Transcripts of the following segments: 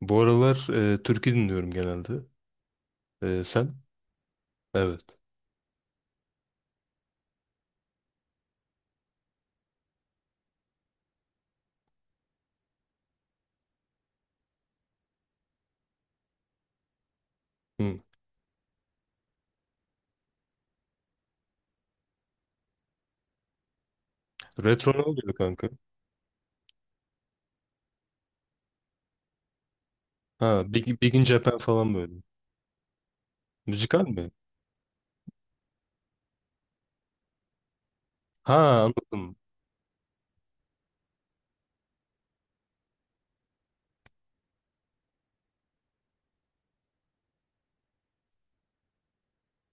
Bu aralar türkü dinliyorum genelde. Sen? Evet. Hı. Retro ne oluyor kanka? Ha, Big in Japan falan böyle. Müzikal mi? Ha, anladım.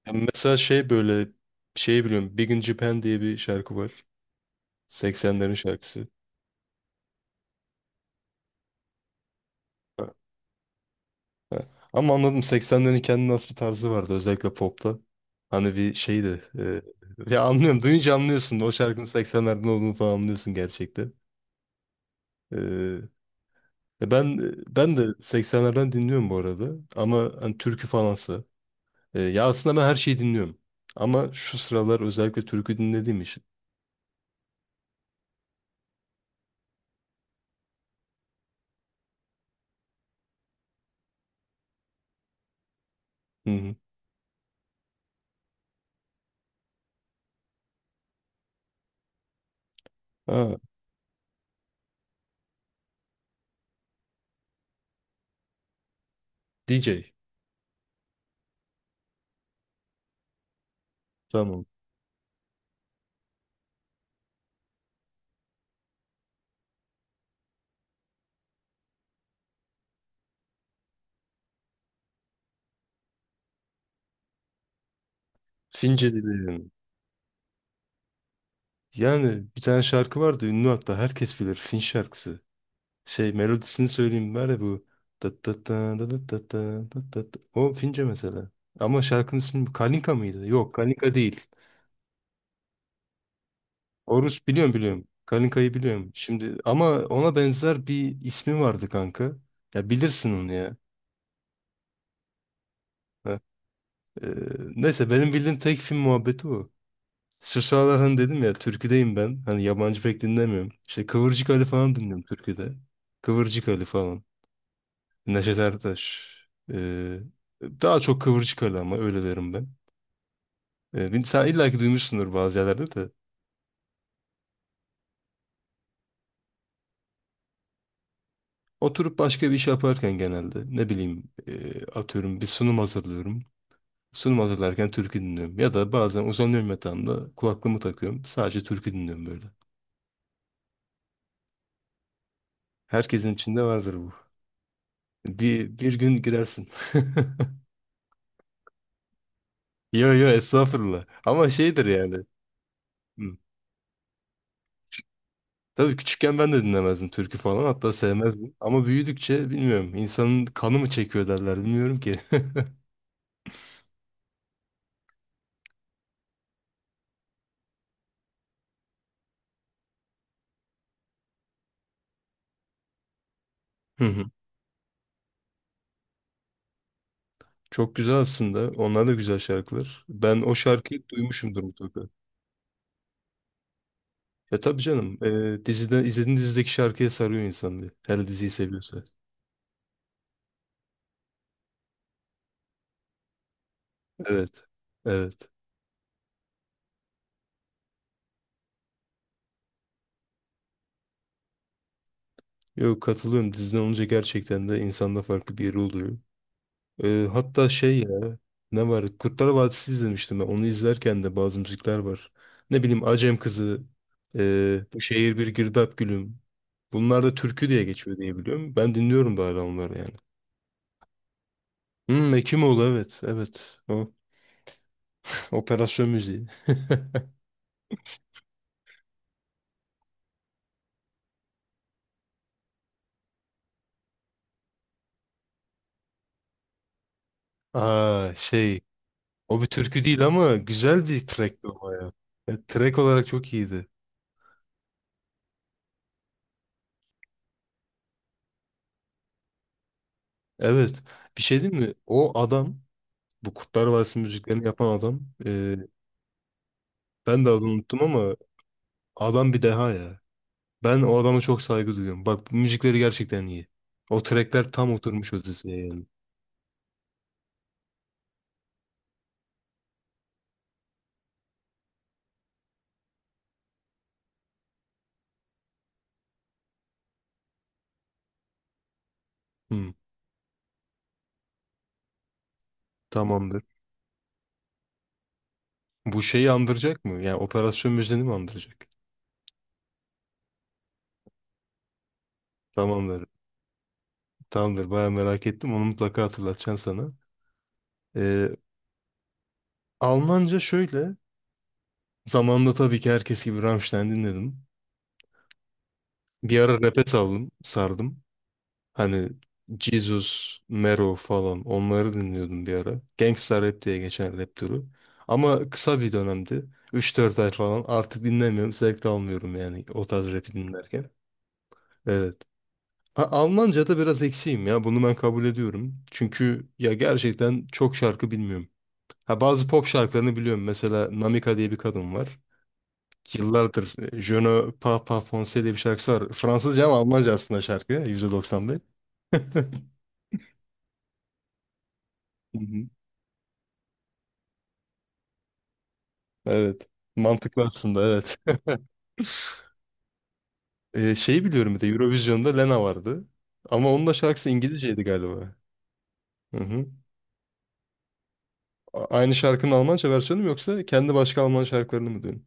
Ya mesela şey böyle şey biliyorum. Big in Japan diye bir şarkı var. 80'lerin şarkısı. Ha, ha. Ama anladım, 80'lerin kendine has bir tarzı vardı özellikle popta. Hani bir şeydi. Ya anlıyorum. Duyunca anlıyorsun. O şarkının 80'lerden olduğunu falan anlıyorsun gerçekten. E, E Ben ben de 80'lerden dinliyorum bu arada, ama hani türkü falansa. Ya aslında ben her şeyi dinliyorum. Ama şu sıralar özellikle türkü dinlediğim için. Hı hı. Ha, DJ. Tamam. Fince dinledim. Yani bir tane şarkı vardı ünlü, hatta herkes bilir Fin şarkısı. Şey, melodisini söyleyeyim, var ya bu. Tat tat ta da da ta ta da ta ta. O Fince mesela. Ama şarkının ismi Kalinka mıydı? Yok, Kalinka değil. Horus, biliyorum biliyorum. Kaninka'yı biliyorum. Şimdi ama ona benzer bir ismi vardı kanka. Ya bilirsin onu ya. Heh. Ee, Neyse, benim bildiğim tek film muhabbeti o. Şu sıralar hani dedim ya, türküdeyim ben. Hani yabancı pek dinlemiyorum. İşte Kıvırcık Ali falan dinliyorum türküde. Kıvırcık Ali falan. Neşet Ertaş. Ee, Daha çok Kıvırcık Ali, ama öyle derim ben. Sen illa ki duymuşsundur bazı yerlerde de. Oturup başka bir iş yaparken genelde ne bileyim, atıyorum bir sunum hazırlıyorum. Sunum hazırlarken türkü dinliyorum. Ya da bazen uzanıyorum yatağımda, kulaklığımı takıyorum. Sadece türkü dinliyorum böyle. Herkesin içinde vardır bu. Bir gün girersin. Yo yo, estağfurullah. Ama şeydir yani. Hı. Tabii küçükken ben de dinlemezdim türkü falan. Hatta sevmezdim. Ama büyüdükçe bilmiyorum, insanın kanı mı çekiyor derler, bilmiyorum ki. Hı hı. Çok güzel aslında. Onlar da güzel şarkılar. Ben o şarkıyı duymuşumdur mutlaka. Ya tabii canım. Dizide, izlediğin dizideki şarkıya sarıyor insan diye. Her diziyi seviyorsa. Evet. Evet. Yok, katılıyorum. Disney olunca gerçekten de insanda farklı bir yeri oluyor. Hatta şey ya, ne var? Kurtlar Vadisi izlemiştim ben. Onu izlerken de bazı müzikler var. Ne bileyim Acem Kızı, Bu Şehir Bir Girdap Gülüm. Bunlar da türkü diye geçiyor diye biliyorum. Ben dinliyorum da hala onları yani. Hmm, Ekimoğlu, evet. Evet. O operasyon müziği. Aa şey, o bir türkü değil ama güzel bir trackti o ya. Track olarak çok iyiydi. Evet. Bir şey değil mi? O adam, bu Kurtlar Vadisi müziklerini yapan adam, e, ben de adını unuttum, ama adam bir deha ya. Ben o adama çok saygı duyuyorum. Bak, bu müzikleri gerçekten iyi. O trackler tam oturmuş o diziye yani. Hı, tamamdır. Bu şeyi andıracak mı? Yani operasyon müziğini mi andıracak? Tamamdır. Tamamdır. Baya merak ettim. Onu mutlaka hatırlatacağım sana. E, Almanca şöyle. Zamanında tabii ki herkes gibi Rammstein dinledim. Bir ara rap'e saldım, sardım. Hani Jesus, Mero falan, onları dinliyordum bir ara. Gangsta Rap diye geçen rap türü. Ama kısa bir dönemdi. 3-4 ay falan, artık dinlemiyorum. Zevk de almıyorum yani o tarz rapi dinlerken. Evet. Almanca'da biraz eksiğim ya. Bunu ben kabul ediyorum. Çünkü ya gerçekten çok şarkı bilmiyorum. Ha, bazı pop şarkılarını biliyorum. Mesela Namika diye bir kadın var. Yıllardır Je ne parle pas français diye bir şarkısı var. Fransızca ama Almanca aslında şarkı. %90. Hı. Evet. Mantıklı aslında, evet. Şeyi biliyorum, bir de Eurovision'da Lena vardı. Ama onun da şarkısı İngilizceydi galiba. Hı hı. Aynı şarkının Almanca versiyonu mu, yoksa kendi başka Alman şarkılarını mı dedin?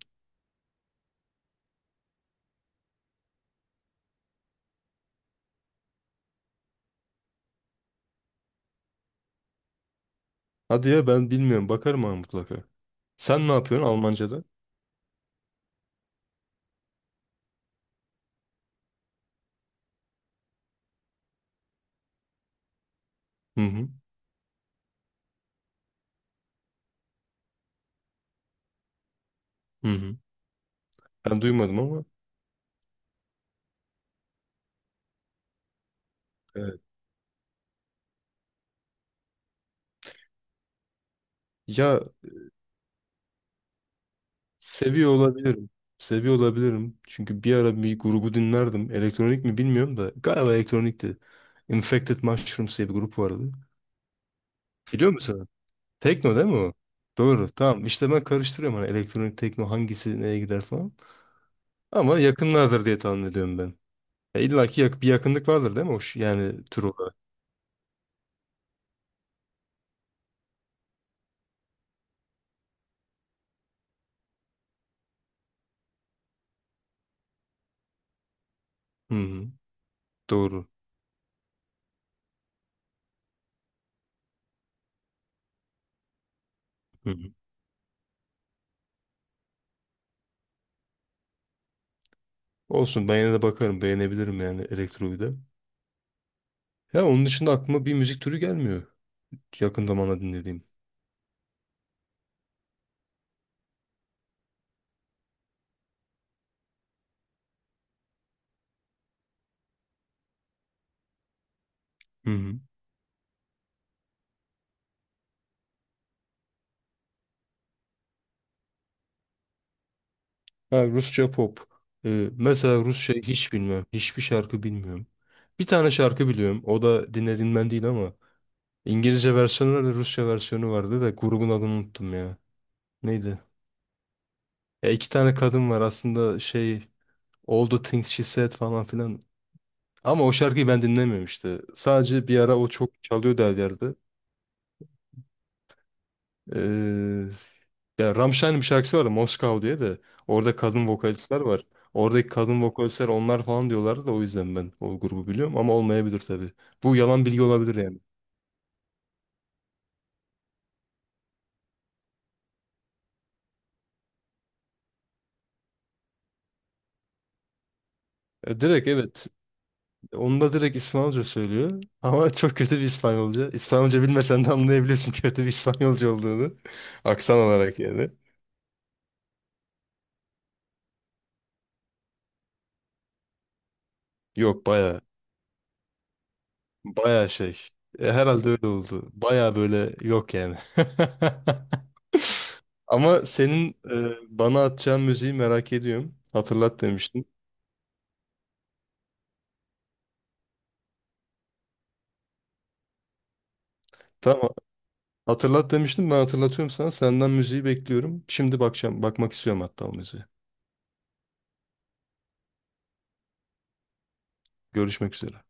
Hadi ya, ben bilmiyorum. Bakarım ha, mutlaka. Sen ne yapıyorsun Almanca'da? Hı hı. Hı hı. Ben duymadım ama. Evet. Ya, seviyor olabilirim. Seviyor olabilirim. Çünkü bir ara bir grubu dinlerdim. Elektronik mi bilmiyorum da. Galiba elektronikti. Infected Mushrooms diye bir grup vardı. Biliyor musun? Tekno değil mi o? Doğru. Tamam. İşte ben karıştırıyorum hani, elektronik tekno hangisi neye girer falan. Ama yakınlardır diye tahmin ediyorum ben. İlla ki bir yakınlık vardır değil mi? Yani tür olarak. Hı hı. Doğru. Hı hı. Olsun, ben yine de bakarım. Beğenebilirim yani elektroyu da. Ya onun dışında aklıma bir müzik türü gelmiyor. Yakın zamanda dinlediğim. Hı hı. Ha, Rusça pop. Mesela Rusça hiç bilmiyorum. Hiçbir şarkı bilmiyorum. Bir tane şarkı biliyorum. O da dinlediğimden değil ama. İngilizce versiyonu vardı, Rusça versiyonu vardı da grubun adını unuttum ya. Neydi? Ya, iki tane kadın var aslında, şey, All the Things She Said falan filan. Ama o şarkıyı ben dinlemiyorum işte. Sadece bir ara o çok çalıyordu her yerde. Ee, Ya, Rammstein'in bir şarkısı var, Moskow diye de. Orada kadın vokalistler var. Oradaki kadın vokalistler onlar falan diyorlardı, da o yüzden ben o grubu biliyorum, ama olmayabilir tabii. Bu yalan bilgi olabilir yani. Direkt evet, onu da direkt İspanyolca söylüyor. Ama çok kötü bir İspanyolca. İspanyolca bilmesen de anlayabiliyorsun kötü bir İspanyolca olduğunu. Aksan olarak yani. Yok, baya baya şey. Herhalde öyle oldu. Baya böyle yok yani. Ama senin bana atacağın müziği merak ediyorum. Hatırlat demiştin. Tamam. Hatırlat demiştim. Ben hatırlatıyorum sana. Senden müziği bekliyorum. Şimdi bakacağım. Bakmak istiyorum hatta o müziğe. Görüşmek üzere.